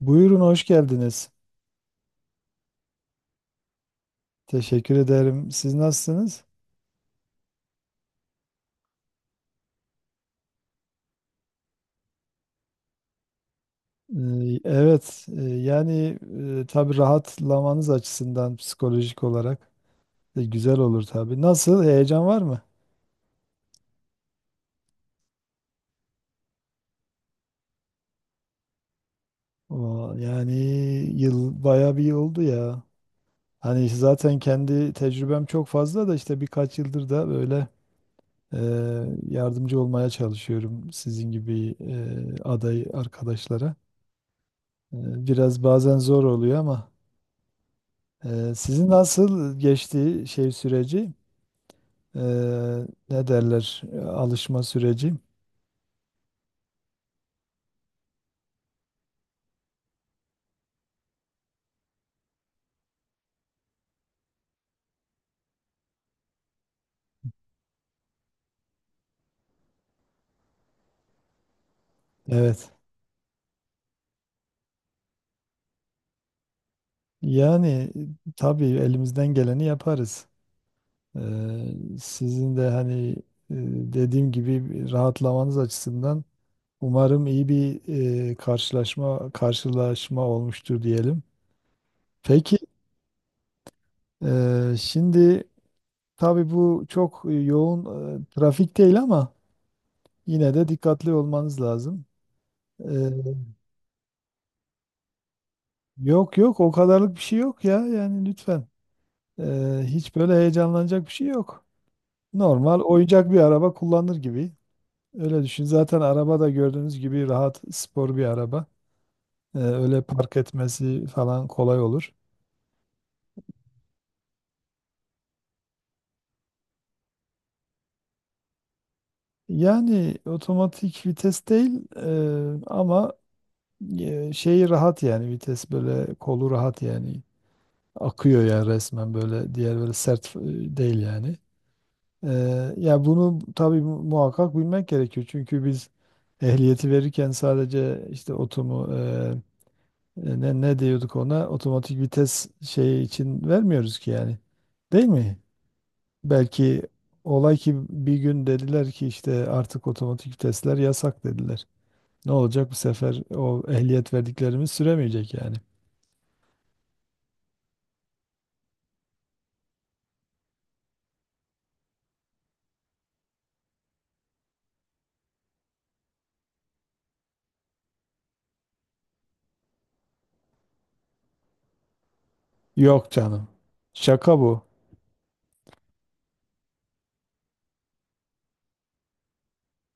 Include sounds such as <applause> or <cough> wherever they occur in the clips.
Buyurun hoş geldiniz. Teşekkür ederim. Siz nasılsınız? Evet, yani tabii rahatlamanız açısından psikolojik olarak güzel olur tabii. Nasıl? Heyecan var mı? Oo, yani yıl bayağı bir yıl oldu ya. Hani zaten kendi tecrübem çok fazla da işte birkaç yıldır da böyle e, yardımcı olmaya çalışıyorum sizin gibi aday arkadaşlara. E, biraz bazen zor oluyor ama. Sizin nasıl geçti şey süreci? Ee, ne derler? Alışma süreci. Evet. Yani tabii elimizden geleni yaparız. Ee, sizin de hani e, dediğim gibi rahatlamanız açısından umarım iyi bir karşılaşma olmuştur diyelim. Peki, şimdi tabii bu çok yoğun trafik değil ama yine de dikkatli olmanız lazım. Ee, Yok yok, o kadarlık bir şey yok ya, yani lütfen. Hiç böyle heyecanlanacak bir şey yok. Normal oyuncak bir araba kullanır gibi. Öyle düşün. Zaten araba da gördüğünüz gibi rahat, spor bir araba. Öyle park etmesi falan kolay olur. Yani otomatik vites değil, ama şeyi rahat yani, vites böyle kolu rahat, yani akıyor yani resmen, böyle diğer böyle sert değil yani. Ya bunu tabii muhakkak bilmek gerekiyor. Çünkü biz ehliyeti verirken sadece işte otomu ne diyorduk ona, otomatik vites şeyi için vermiyoruz ki yani. Değil mi? Belki olay ki bir gün dediler ki işte artık otomatik vitesler yasak, dediler. Ne olacak bu sefer, o ehliyet verdiklerimiz süremeyecek yani. Yok canım. Şaka bu.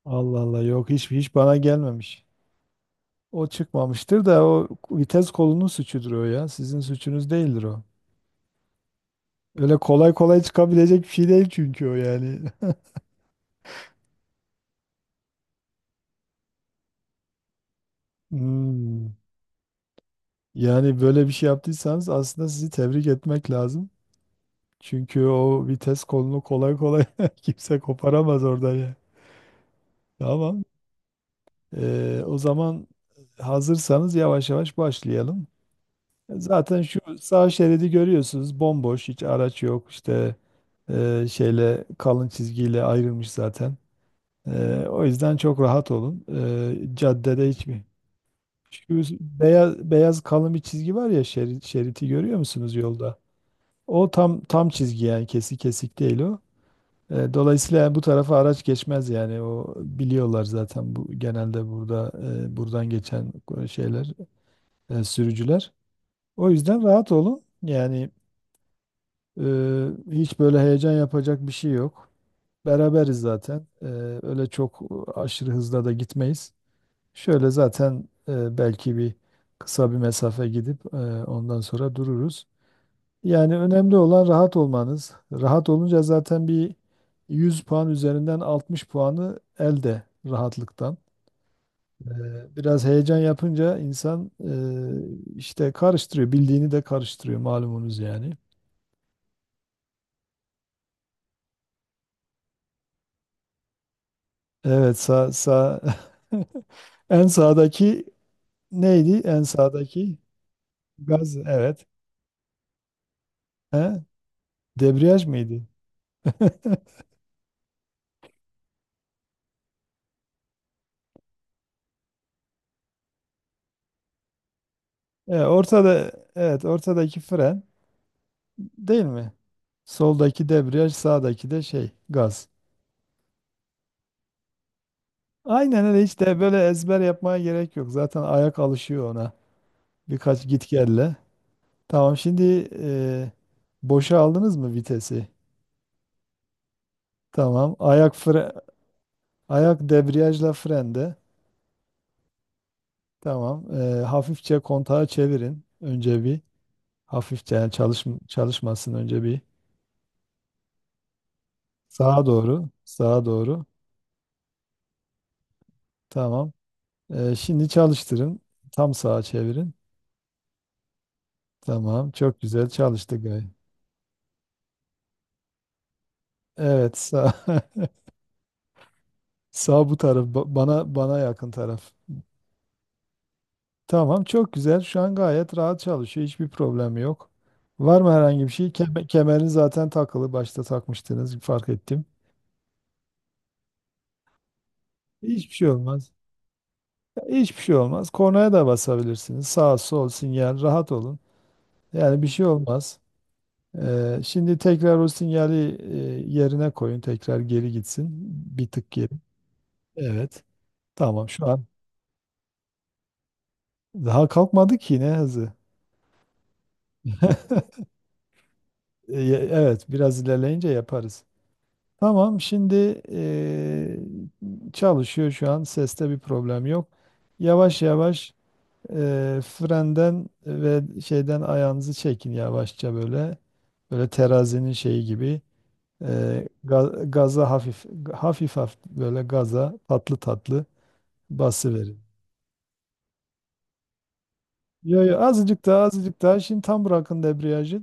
Allah Allah, yok, hiç hiç bana gelmemiş. O çıkmamıştır da, o vites kolunun suçudur o ya. Sizin suçunuz değildir o. Öyle kolay kolay çıkabilecek bir şey değil çünkü o, yani. <laughs> Hmm. Yani böyle bir şey yaptıysanız aslında sizi tebrik etmek lazım. Çünkü o vites kolunu kolay kolay <laughs> kimse koparamaz oradan ya. Tamam. O zaman hazırsanız yavaş yavaş başlayalım. Zaten şu sağ şeridi görüyorsunuz, bomboş, hiç araç yok işte, şeyle kalın çizgiyle ayrılmış zaten. O yüzden çok rahat olun. Caddede hiçbir, şu beyaz beyaz kalın bir çizgi var ya şerit, şeriti görüyor musunuz yolda? O tam tam çizgi yani, kesik kesik değil o. Dolayısıyla yani bu tarafa araç geçmez yani, o biliyorlar zaten, bu genelde burada buradan geçen şeyler, sürücüler. O yüzden rahat olun. Yani hiç böyle heyecan yapacak bir şey yok. Beraberiz zaten. Öyle çok aşırı hızla da gitmeyiz. Şöyle zaten belki bir kısa bir mesafe gidip ondan sonra dururuz. Yani önemli olan rahat olmanız. Rahat olunca zaten bir 100 puan üzerinden 60 puanı elde, rahatlıktan. Biraz heyecan yapınca insan işte karıştırıyor. Bildiğini de karıştırıyor, malumunuz yani. Evet, sağ, sağ. <laughs> En sağdaki neydi? En sağdaki gaz, evet. He? Debriyaj mıydı? <laughs> Ortada, evet, ortadaki fren, değil mi? Soldaki debriyaj, sağdaki de şey, gaz. Aynen öyle, hiç de böyle ezber yapmaya gerek yok. Zaten ayak alışıyor ona. Birkaç git gelle. Tamam, şimdi boşa aldınız mı vitesi? Tamam. Ayak debriyajla frende. Tamam. Hafifçe kontağı çevirin. Önce bir, hafifçe yani, çalışmasın önce bir, sağa doğru. Sağa doğru. Tamam. Şimdi çalıştırın. Tam sağa çevirin. Tamam. Çok güzel çalıştı gayet. Evet, sağ, <laughs> sağ bu taraf, bana yakın taraf. Tamam çok güzel. Şu an gayet rahat çalışıyor. Hiçbir problem yok. Var mı herhangi bir şey? Kemer, kemerin zaten takılı. Başta takmıştınız, fark ettim. Hiçbir şey olmaz. Hiçbir şey olmaz. Kornaya da basabilirsiniz. Sağ, sol, sinyal, rahat olun. Yani bir şey olmaz. Şimdi tekrar o sinyali yerine koyun. Tekrar geri gitsin. Bir tık geri. Evet. Tamam şu an. Daha kalkmadı ki ne hızı. <laughs> E, Evet, biraz ilerleyince yaparız. Tamam, şimdi çalışıyor şu an. Seste bir problem yok. Yavaş yavaş, frenden ve şeyden ayağınızı çekin yavaşça böyle. Böyle terazinin şeyi gibi. Gaza hafif hafif böyle, gaza tatlı tatlı basıverin. Yo yo, azıcık daha, azıcık daha, şimdi tam bırakın debriyajı.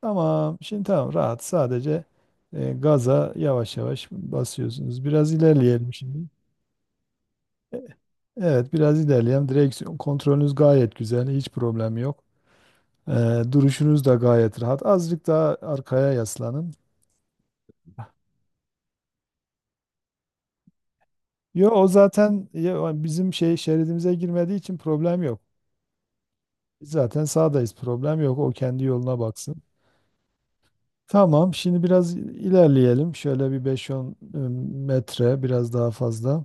Tamam şimdi, tamam, rahat, sadece gaza yavaş yavaş basıyorsunuz. Biraz ilerleyelim şimdi. E, Evet, biraz ilerleyelim. Direksiyon kontrolünüz gayet güzel, hiç problem yok. Duruşunuz da gayet rahat. Azıcık daha arkaya yaslanın. Yo, o zaten ya, o bizim şey şeridimize girmediği için problem yok. Biz zaten sağdayız, problem yok. O kendi yoluna baksın. Tamam şimdi biraz ilerleyelim. Şöyle bir beş on metre, biraz daha fazla.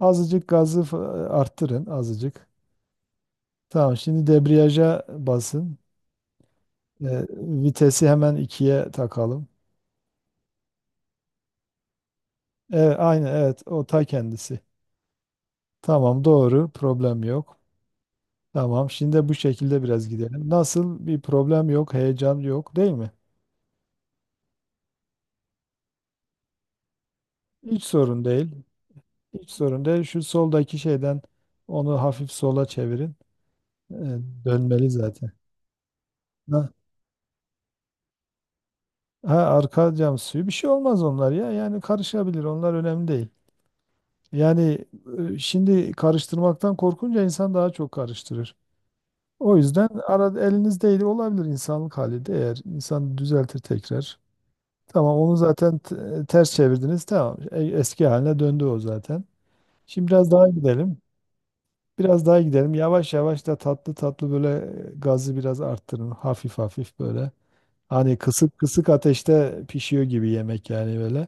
Azıcık gazı arttırın azıcık. Tamam şimdi debriyaja basın. Ee, vitesi hemen 2'ye takalım. Evet, aynı, evet, o ta kendisi. Tamam, doğru, problem yok. Tamam, şimdi bu şekilde biraz gidelim. Nasıl, bir problem yok, heyecan yok değil mi? Hiç sorun değil. Hiç sorun değil. Şu soldaki şeyden, onu hafif sola çevirin. Ee, dönmeli zaten. Ha, ha, arka cam suyu bir şey olmaz onlar ya. Yani karışabilir. Onlar önemli değil. Yani şimdi karıştırmaktan korkunca insan daha çok karıştırır. O yüzden elinizdeydi olabilir, insanlık hali, de eğer insan düzeltir tekrar. Tamam, onu zaten ters çevirdiniz. Tamam. Eski haline döndü o zaten. Şimdi biraz daha gidelim. Biraz daha gidelim. Yavaş yavaş da tatlı tatlı böyle, gazı biraz arttırın. Hafif hafif böyle. Hani kısık kısık ateşte pişiyor gibi yemek, yani böyle.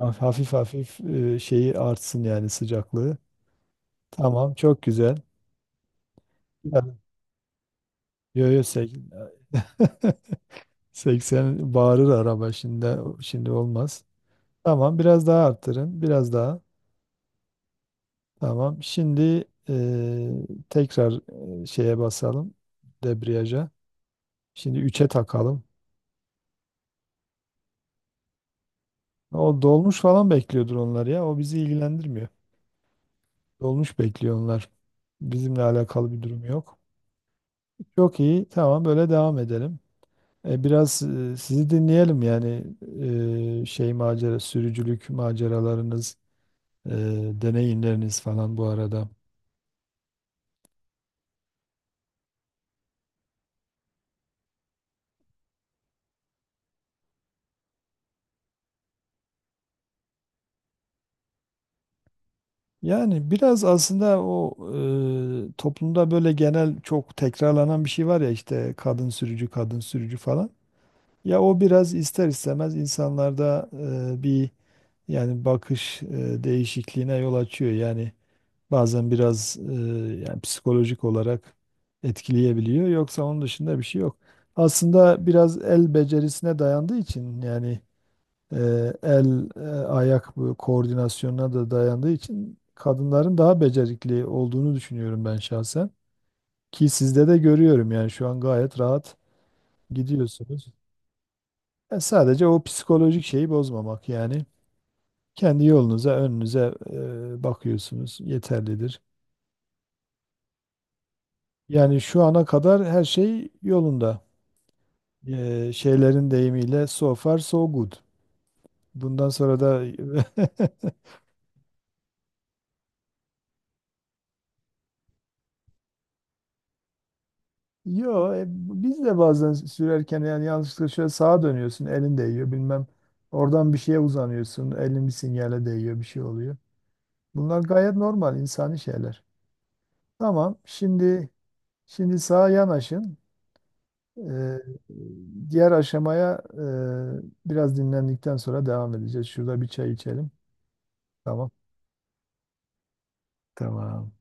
Hafif hafif, şeyi artsın yani, sıcaklığı. Tamam çok güzel. Evet. Yo yo, <laughs> 80 bağırır araba şimdi, şimdi olmaz. Tamam biraz daha arttırın. Biraz daha. Tamam. Şimdi eee, tekrar şeye basalım. Debriyaja. Şimdi 3'e takalım. O dolmuş falan bekliyordur onlar ya. O bizi ilgilendirmiyor. Dolmuş bekliyor onlar. Bizimle alakalı bir durum yok. Çok iyi. Tamam böyle devam edelim. Biraz sizi dinleyelim yani, sürücülük maceralarınız, e, deneyimleriniz falan bu arada. Yani biraz aslında o, toplumda böyle genel çok tekrarlanan bir şey var ya, işte kadın sürücü, kadın sürücü falan. Ya o biraz ister istemez insanlarda bir yani bakış değişikliğine yol açıyor. Yani bazen biraz yani psikolojik olarak etkileyebiliyor. Yoksa onun dışında bir şey yok. Aslında biraz el becerisine dayandığı için, yani e, el ayak, bu koordinasyonuna da dayandığı için kadınların daha becerikli olduğunu düşünüyorum ben şahsen. Ki sizde de görüyorum yani, şu an gayet rahat gidiyorsunuz. Sadece o psikolojik şeyi bozmamak yani. Kendi yolunuza, önünüze bakıyorsunuz, yeterlidir. Yani şu ana kadar her şey yolunda. Şeylerin deyimiyle, so far so good. Bundan sonra da <laughs> Yo, biz de bazen sürerken yani yanlışlıkla şöyle sağa dönüyorsun, elin değiyor bilmem. Oradan bir şeye uzanıyorsun, elin bir sinyale değiyor, bir şey oluyor. Bunlar gayet normal insani şeyler. Tamam, şimdi, şimdi sağa yanaşın. Ee, diğer aşamaya biraz dinlendikten sonra devam edeceğiz. Şurada bir çay içelim. Tamam. Tamam.